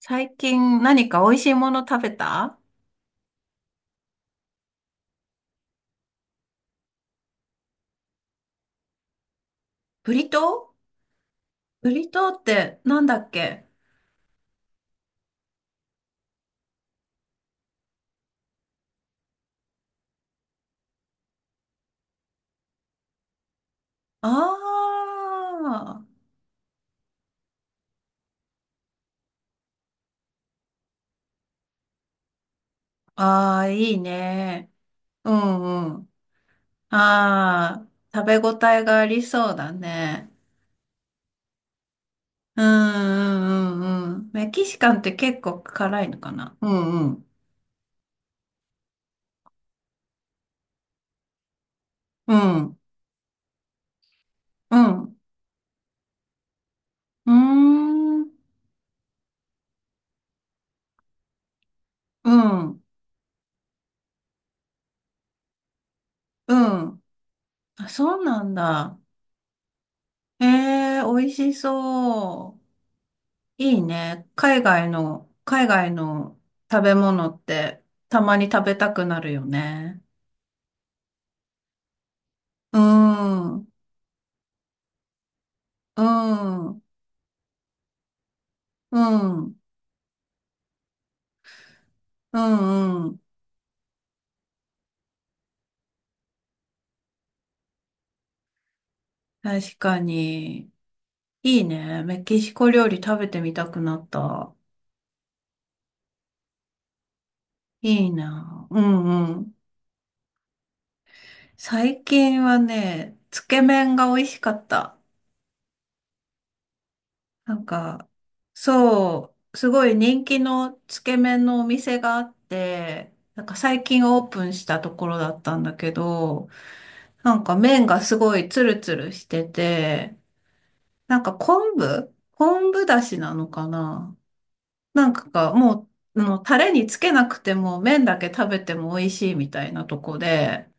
最近何か美味しいもの食べた？ブリトー。ブリトーってなんだっけ？ああー、ああ、いいね。うんうん。ああ食べ応えがありそうだね。うんうんうんうん。メキシカンって結構辛いのかな。うんうん。うん。うん。うーん、うんうん。うんうん。あ、そうなんだ。ええ美味しそう。いいね。海外の食べ物ってたまに食べたくなるよね。うん、うん、うん、うん、うん。確かに。いいね。メキシコ料理食べてみたくなった。いいな。うん、うん。最近はね、つけ麺が美味しかった。なんか、そう、すごい人気のつけ麺のお店があって、なんか最近オープンしたところだったんだけど、なんか麺がすごいツルツルしてて、なんか昆布だしなのかな。なんかがもう、タレにつけなくても麺だけ食べても美味しいみたいなとこで、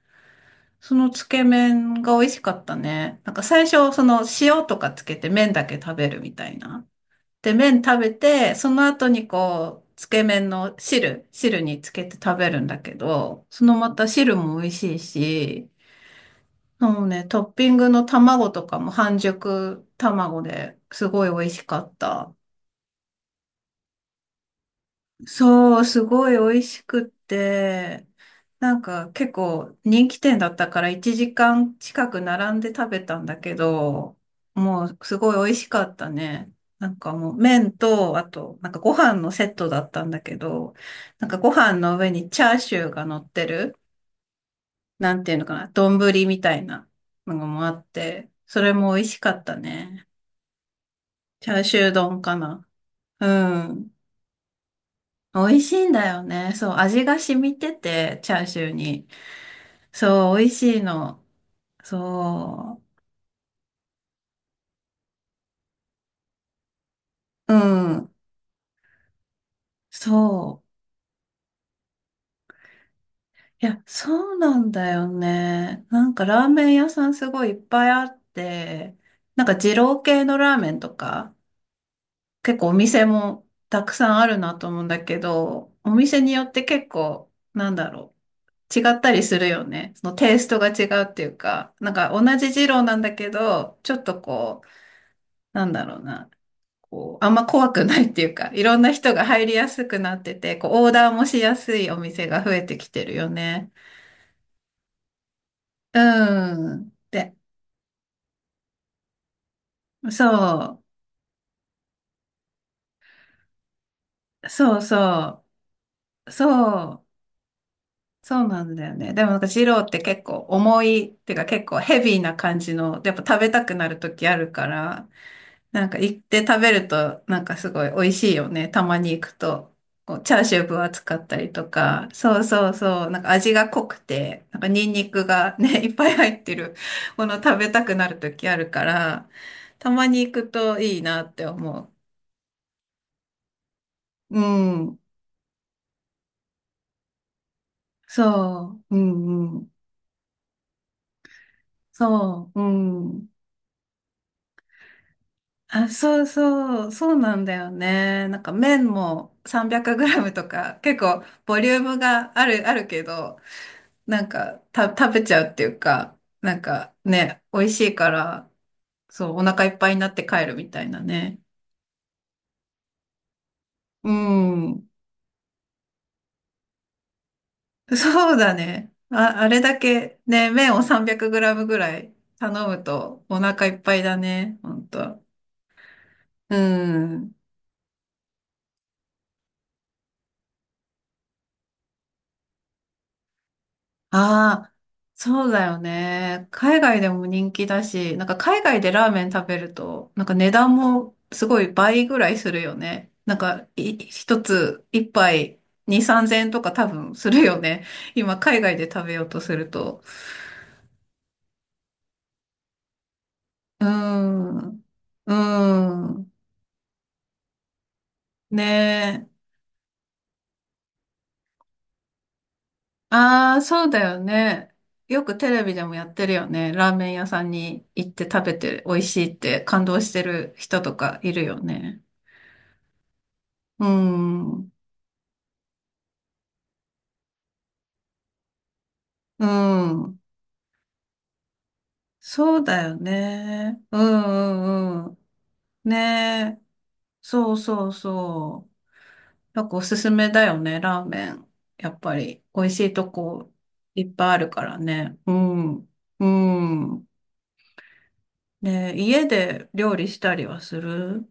そのつけ麺が美味しかったね。なんか最初、その塩とかつけて麺だけ食べるみたいな。で、麺食べて、その後にこう、つけ麺の汁につけて食べるんだけど、そのまた汁も美味しいし、もうね、トッピングの卵とかも半熟卵ですごい美味しかった。そう、すごい美味しくって、なんか結構人気店だったから1時間近く並んで食べたんだけど、もうすごい美味しかったね。なんかもう麺と、あとなんかご飯のセットだったんだけど、なんかご飯の上にチャーシューが乗ってる、なんていうのかな、丼みたいなのもあって、それも美味しかったね。チャーシュー丼かな。うん。美味しいんだよね。そう、味が染みてて、チャーシューに。そう、美味しいの。そう、うん、そう。いや、そうなんだよね。なんかラーメン屋さんすごいいっぱいあって、なんか二郎系のラーメンとか、結構お店もたくさんあるなと思うんだけど、お店によって結構、なんだろう。違ったりするよね。そのテイストが違うっていうか、なんか同じ二郎なんだけど、ちょっとこう、なんだろうな。こう、あんま怖くないっていうか、いろんな人が入りやすくなってて、こう、オーダーもしやすいお店が増えてきてるよね。うん。で、そう、そうそう、そう、そうなんだよね。でもなんか二郎って結構重い、っていうか結構ヘビーな感じの、やっぱ食べたくなる時あるから、なんか行って食べると、なんかすごい美味しいよね。たまに行くと。こうチャーシュー分厚かったりとか。そうそうそう。なんか味が濃くて、なんかニンニクがね、いっぱい入ってるもの食べたくなる時あるから、たまに行くといいなって思う。うん。そう。うんうん。そう。うん。あ、そうそう。そうなんだよね。なんか麺も 300g とか結構ボリュームがあるけど、なんか、食べちゃうっていうか、なんかね、美味しいから、そう、お腹いっぱいになって帰るみたいなね。うん。そうだね。あ、あれだけね、麺を 300g ぐらい頼むとお腹いっぱいだね、ほんと。うん。ああ、そうだよね。海外でも人気だし、なんか海外でラーメン食べると、なんか値段もすごい倍ぐらいするよね。なんか、い、一つ、一杯、二、三千円とか多分するよね。今、海外で食べようとすると。うーん。うーん。ねえ。ああ、そうだよね。よくテレビでもやってるよね。ラーメン屋さんに行って食べて美味しいって感動してる人とかいるよね。うん。うん。そうだよね。うんうんうん。ねえ。そうそうそう。なんかおすすめだよね、ラーメン。やっぱり、美味しいとこいっぱいあるからね。うん。うん。ねえ、家で料理したりはする？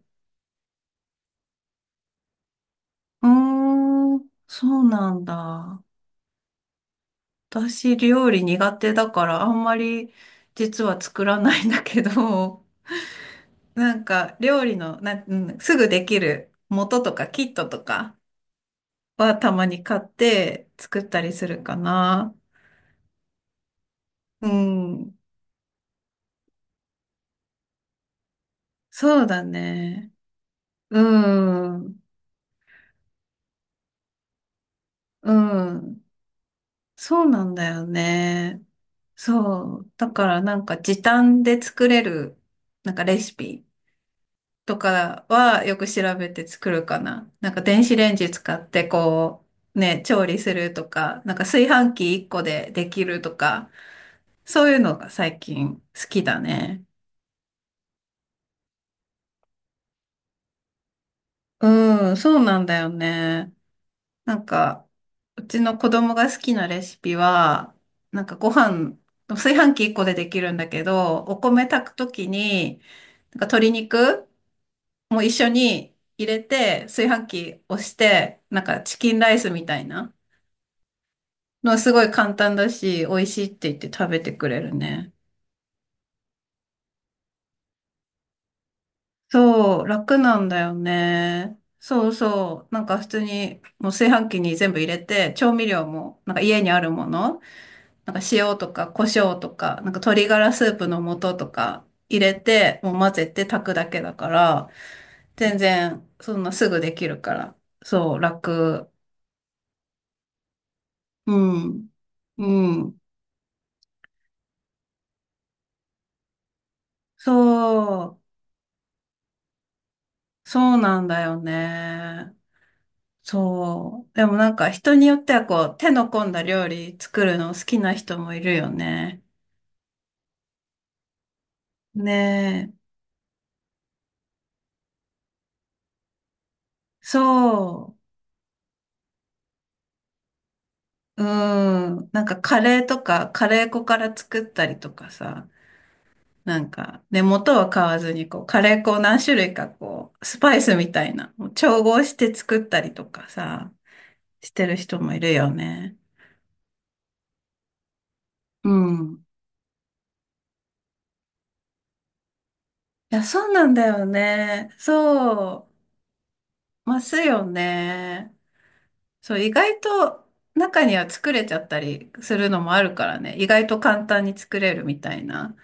うーん、そうなんだ。私、料理苦手だから、あんまり実は作らないんだけど。なんか料理のなん、うん、すぐできる元とかキットとかはたまに買って作ったりするかな。うん。そうだね。うん。うん。そうなんだよね。そう。だからなんか時短で作れるなんかレシピとかはよく調べて作るかな。なんか電子レンジ使ってこうね、調理するとか、なんか炊飯器1個でできるとか。そういうのが最近好きだね。うん、そうなんだよね。なんか、うちの子供が好きなレシピは、なんかご飯、炊飯器一個でできるんだけど、お米炊くときに、なんか鶏肉も一緒に入れて、炊飯器押して、なんかチキンライスみたいなのはすごい簡単だし、美味しいって言って食べてくれるね。そう、楽なんだよね。そうそう。なんか普通に、もう炊飯器に全部入れて、調味料も、なんか家にあるもの、なんか塩とか胡椒とか、なんか鶏ガラスープの素とか入れて、もう混ぜて炊くだけだから、全然、そんなすぐできるから。そう、楽。うん。うん。そう、そうなんだよね。そう。でもなんか人によってはこう手の込んだ料理作るの好きな人もいるよね。ねえ。そう。うん。なんかカレーとかカレー粉から作ったりとかさ。なんか、で、元は買わずにこうカレー粉を何種類かこうスパイスみたいなもう調合して作ったりとかさ、してる人もいるよね。うん。いや、そうなんだよね。そう。ますよね。そう、意外と中には作れちゃったりするのもあるからね。意外と簡単に作れるみたいな。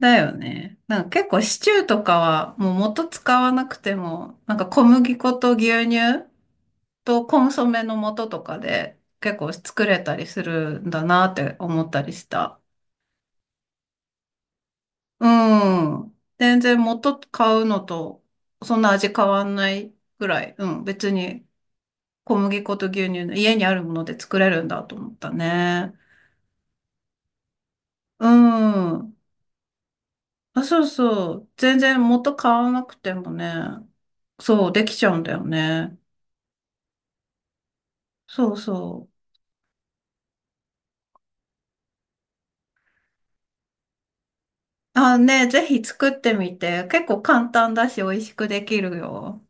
だよね。なんか結構シチューとかはもう元使わなくても、なんか小麦粉と牛乳とコンソメの素とかで結構作れたりするんだなって思ったりした。うん。全然元買うのとそんな味変わんないぐらい。うん。別に小麦粉と牛乳の家にあるもので作れるんだと思ったね。うん。あ、そうそう。全然元買わなくてもね。そう、できちゃうんだよね。そうそう。あ、ね、ぜひ作ってみて。結構簡単だし、美味しくできるよ。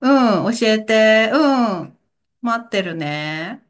うん、教えて。うん。待ってるね。